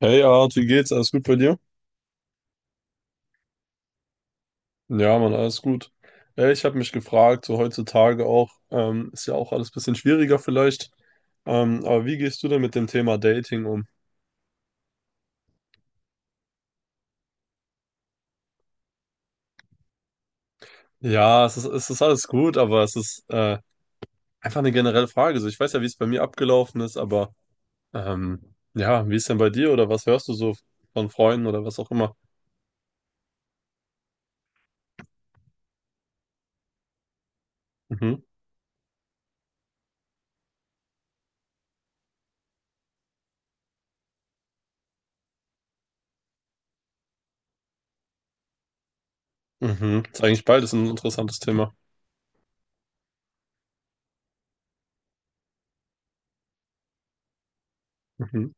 Hey Art, wie geht's? Alles gut bei dir? Ja, Mann, alles gut. Ich habe mich gefragt, so heutzutage auch, ist ja auch alles ein bisschen schwieriger vielleicht. Aber wie gehst du denn mit dem Thema Dating um? Ja, es ist alles gut, aber es ist einfach eine generelle Frage. So, ich weiß ja, wie es bei mir abgelaufen ist, aber ja, wie ist denn bei dir oder was hörst du so von Freunden oder was auch immer? Mhm, mhm. Ist eigentlich beides ein interessantes Thema. Mhm,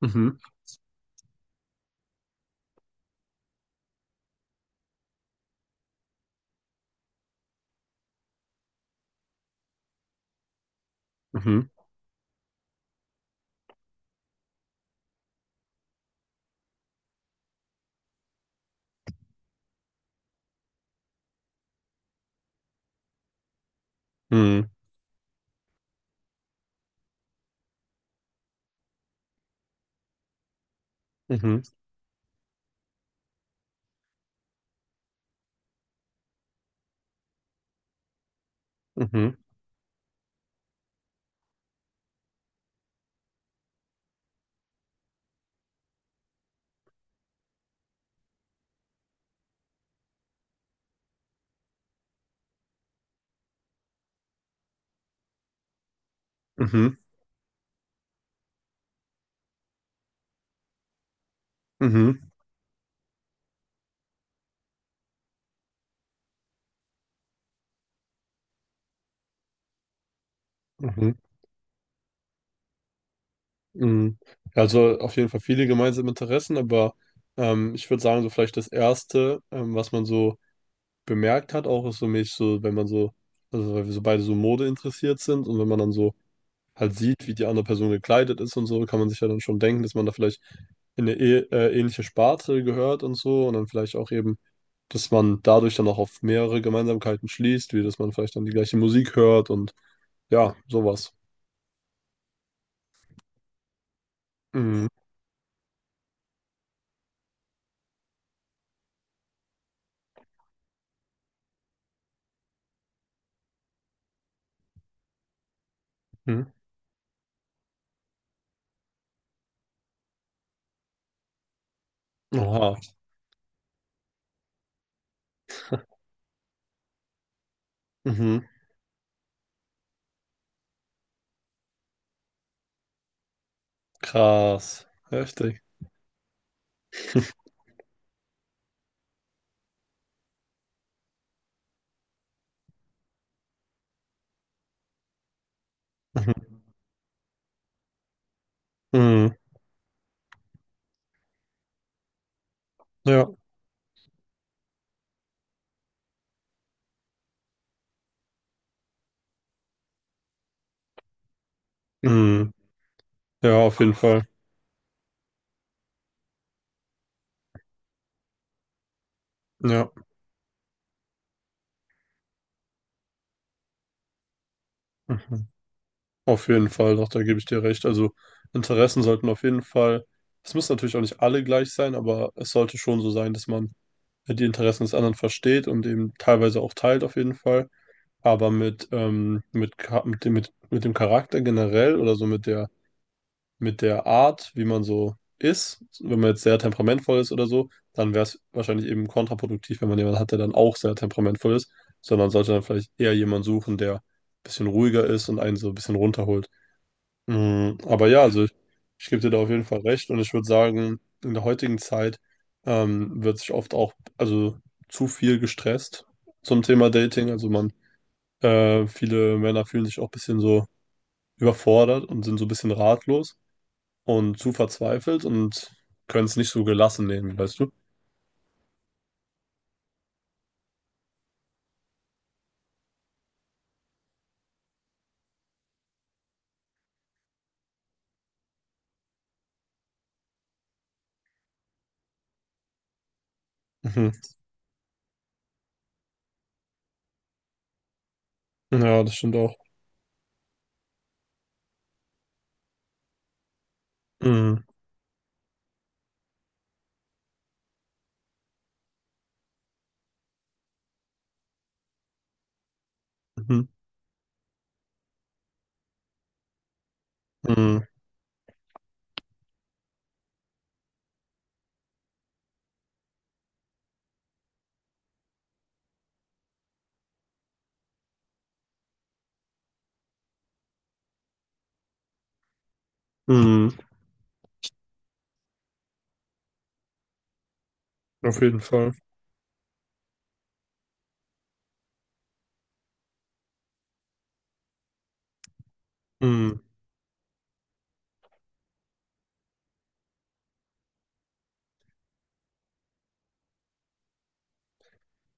mhm, mhm, mhm, mhm, mhm, mhm, mhm, mhm, mhm, mhm. Ja, also auf jeden Fall viele gemeinsame Interessen, aber ich würde sagen, so vielleicht das Erste, was man so bemerkt hat, auch ist so mich so, wenn man so, also weil wir so beide so Mode interessiert sind und wenn man dann so halt sieht, wie die andere Person gekleidet ist und so, kann man sich ja dann schon denken, dass man da vielleicht in eine ähnliche Sparte gehört und so und dann vielleicht auch eben, dass man dadurch dann auch auf mehrere Gemeinsamkeiten schließt, wie dass man vielleicht dann die gleiche Musik hört und ja, sowas. Mhm. Mhm. Oha. Mhm. Krass. Heftig. Mhm. Mhm. Ja. Mhm. Ja, auf jeden Fall. Ja. Mhm. Auf jeden Fall, doch, da gebe ich dir recht. Also Interessen sollten auf jeden Fall, es müssen natürlich auch nicht alle gleich sein, aber es sollte schon so sein, dass man die Interessen des anderen versteht und eben teilweise auch teilt auf jeden Fall. Aber mit dem Charakter generell oder so mit der Art, wie man so ist, wenn man jetzt sehr temperamentvoll ist oder so, dann wäre es wahrscheinlich eben kontraproduktiv, wenn man jemanden hat, der dann auch sehr temperamentvoll ist, sondern sollte dann vielleicht eher jemanden suchen, der ein bisschen ruhiger ist und einen so ein bisschen runterholt. Mm, aber ja, also ich gebe dir da auf jeden Fall recht und ich würde sagen, in der heutigen Zeit wird sich oft auch, also zu viel gestresst zum Thema Dating. Also man, viele Männer fühlen sich auch ein bisschen so überfordert und sind so ein bisschen ratlos und zu verzweifelt und können es nicht so gelassen nehmen, weißt du? Mhm. Ja, das stimmt auch. Mhm. Mhm. Mhm. Mhm. Auf jeden Fall. Mhm.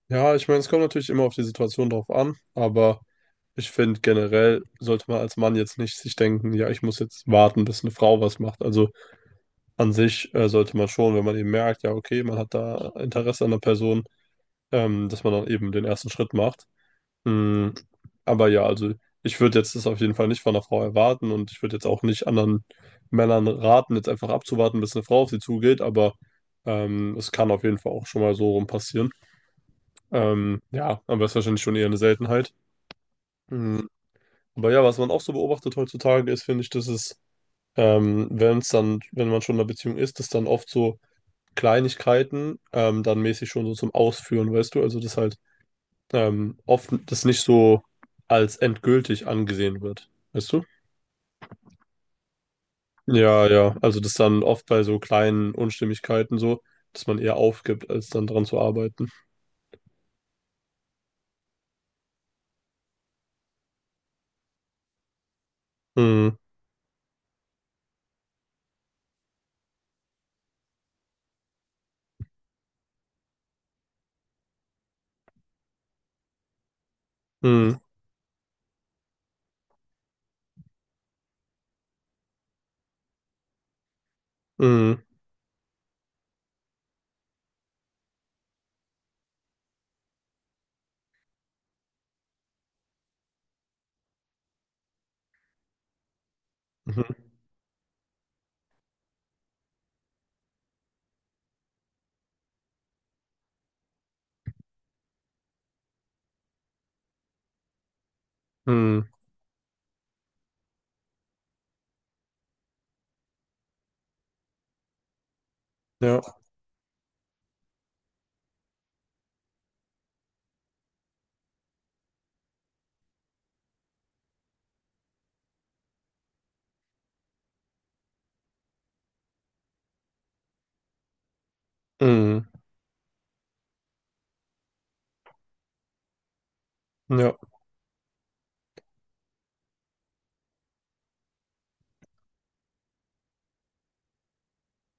Ja, ich meine, es kommt natürlich immer auf die Situation drauf an, aber ich finde generell sollte man als Mann jetzt nicht sich denken, ja, ich muss jetzt warten, bis eine Frau was macht. Also an sich sollte man schon, wenn man eben merkt, ja, okay, man hat da Interesse an der Person, dass man dann eben den ersten Schritt macht. Mm, aber ja, also ich würde jetzt das auf jeden Fall nicht von einer Frau erwarten und ich würde jetzt auch nicht anderen Männern raten, jetzt einfach abzuwarten, bis eine Frau auf sie zugeht, aber es kann auf jeden Fall auch schon mal so rum passieren. Ja, aber ist wahrscheinlich schon eher eine Seltenheit. Mm, aber ja, was man auch so beobachtet heutzutage ist, finde ich, dass wenn es dann, wenn man schon in einer Beziehung ist, dass dann oft so Kleinigkeiten dann mäßig schon so zum Ausführen, weißt du, also dass halt oft das nicht so als endgültig angesehen wird. Weißt du? Ja, ja. Also das dann oft bei so kleinen Unstimmigkeiten so, dass man eher aufgibt, als dann dran zu arbeiten. Mhm. Mhm. Mhm. Mhm. Mhm. Ja. Mhm. Ja.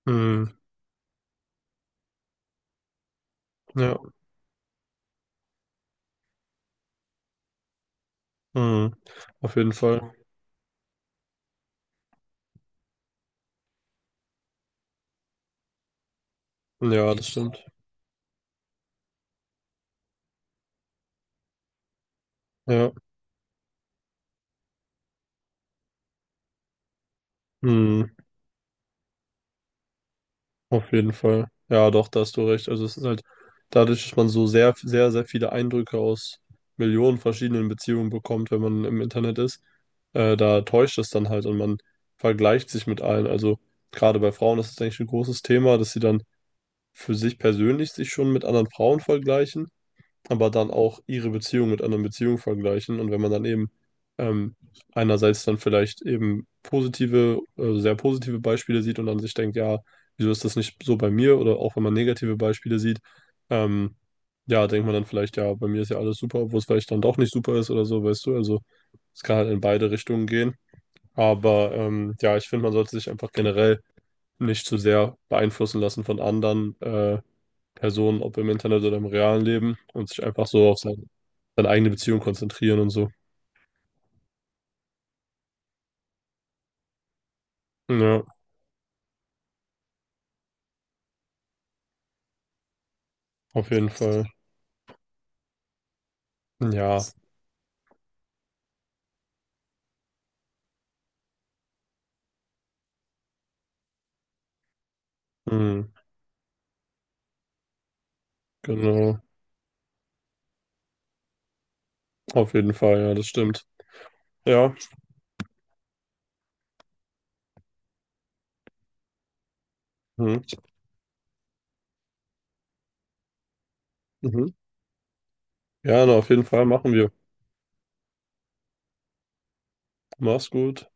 Mhm. Ja. Mhm. Auf jeden Fall. Ja, das stimmt. Ja. Mhm. Auf jeden Fall. Ja, doch, da hast du recht. Also es ist halt dadurch, dass man so sehr, sehr, sehr viele Eindrücke aus Millionen verschiedenen Beziehungen bekommt, wenn man im Internet ist, da täuscht es dann halt und man vergleicht sich mit allen. Also gerade bei Frauen ist es eigentlich ein großes Thema, dass sie dann für sich persönlich sich schon mit anderen Frauen vergleichen, aber dann auch ihre Beziehung mit anderen Beziehungen vergleichen. Und wenn man dann eben ähm, einerseits dann vielleicht eben positive, sehr positive Beispiele sieht und dann sich denkt, ja, wieso ist das nicht so bei mir? Oder auch wenn man negative Beispiele sieht, ähm, ja, denkt man dann vielleicht, ja, bei mir ist ja alles super, obwohl es vielleicht dann doch nicht super ist oder so, weißt du? Also es kann halt in beide Richtungen gehen. Aber ja, ich finde, man sollte sich einfach generell nicht zu sehr beeinflussen lassen von anderen. Personen, ob im Internet oder im realen Leben, und sich einfach so auf sein, seine eigene Beziehung konzentrieren und so. Ja, auf jeden Fall. Ja, hm, genau. Auf jeden Fall, ja, das stimmt. Ja, hm, mhm. Ja, auf jeden Fall machen wir. Mach's gut.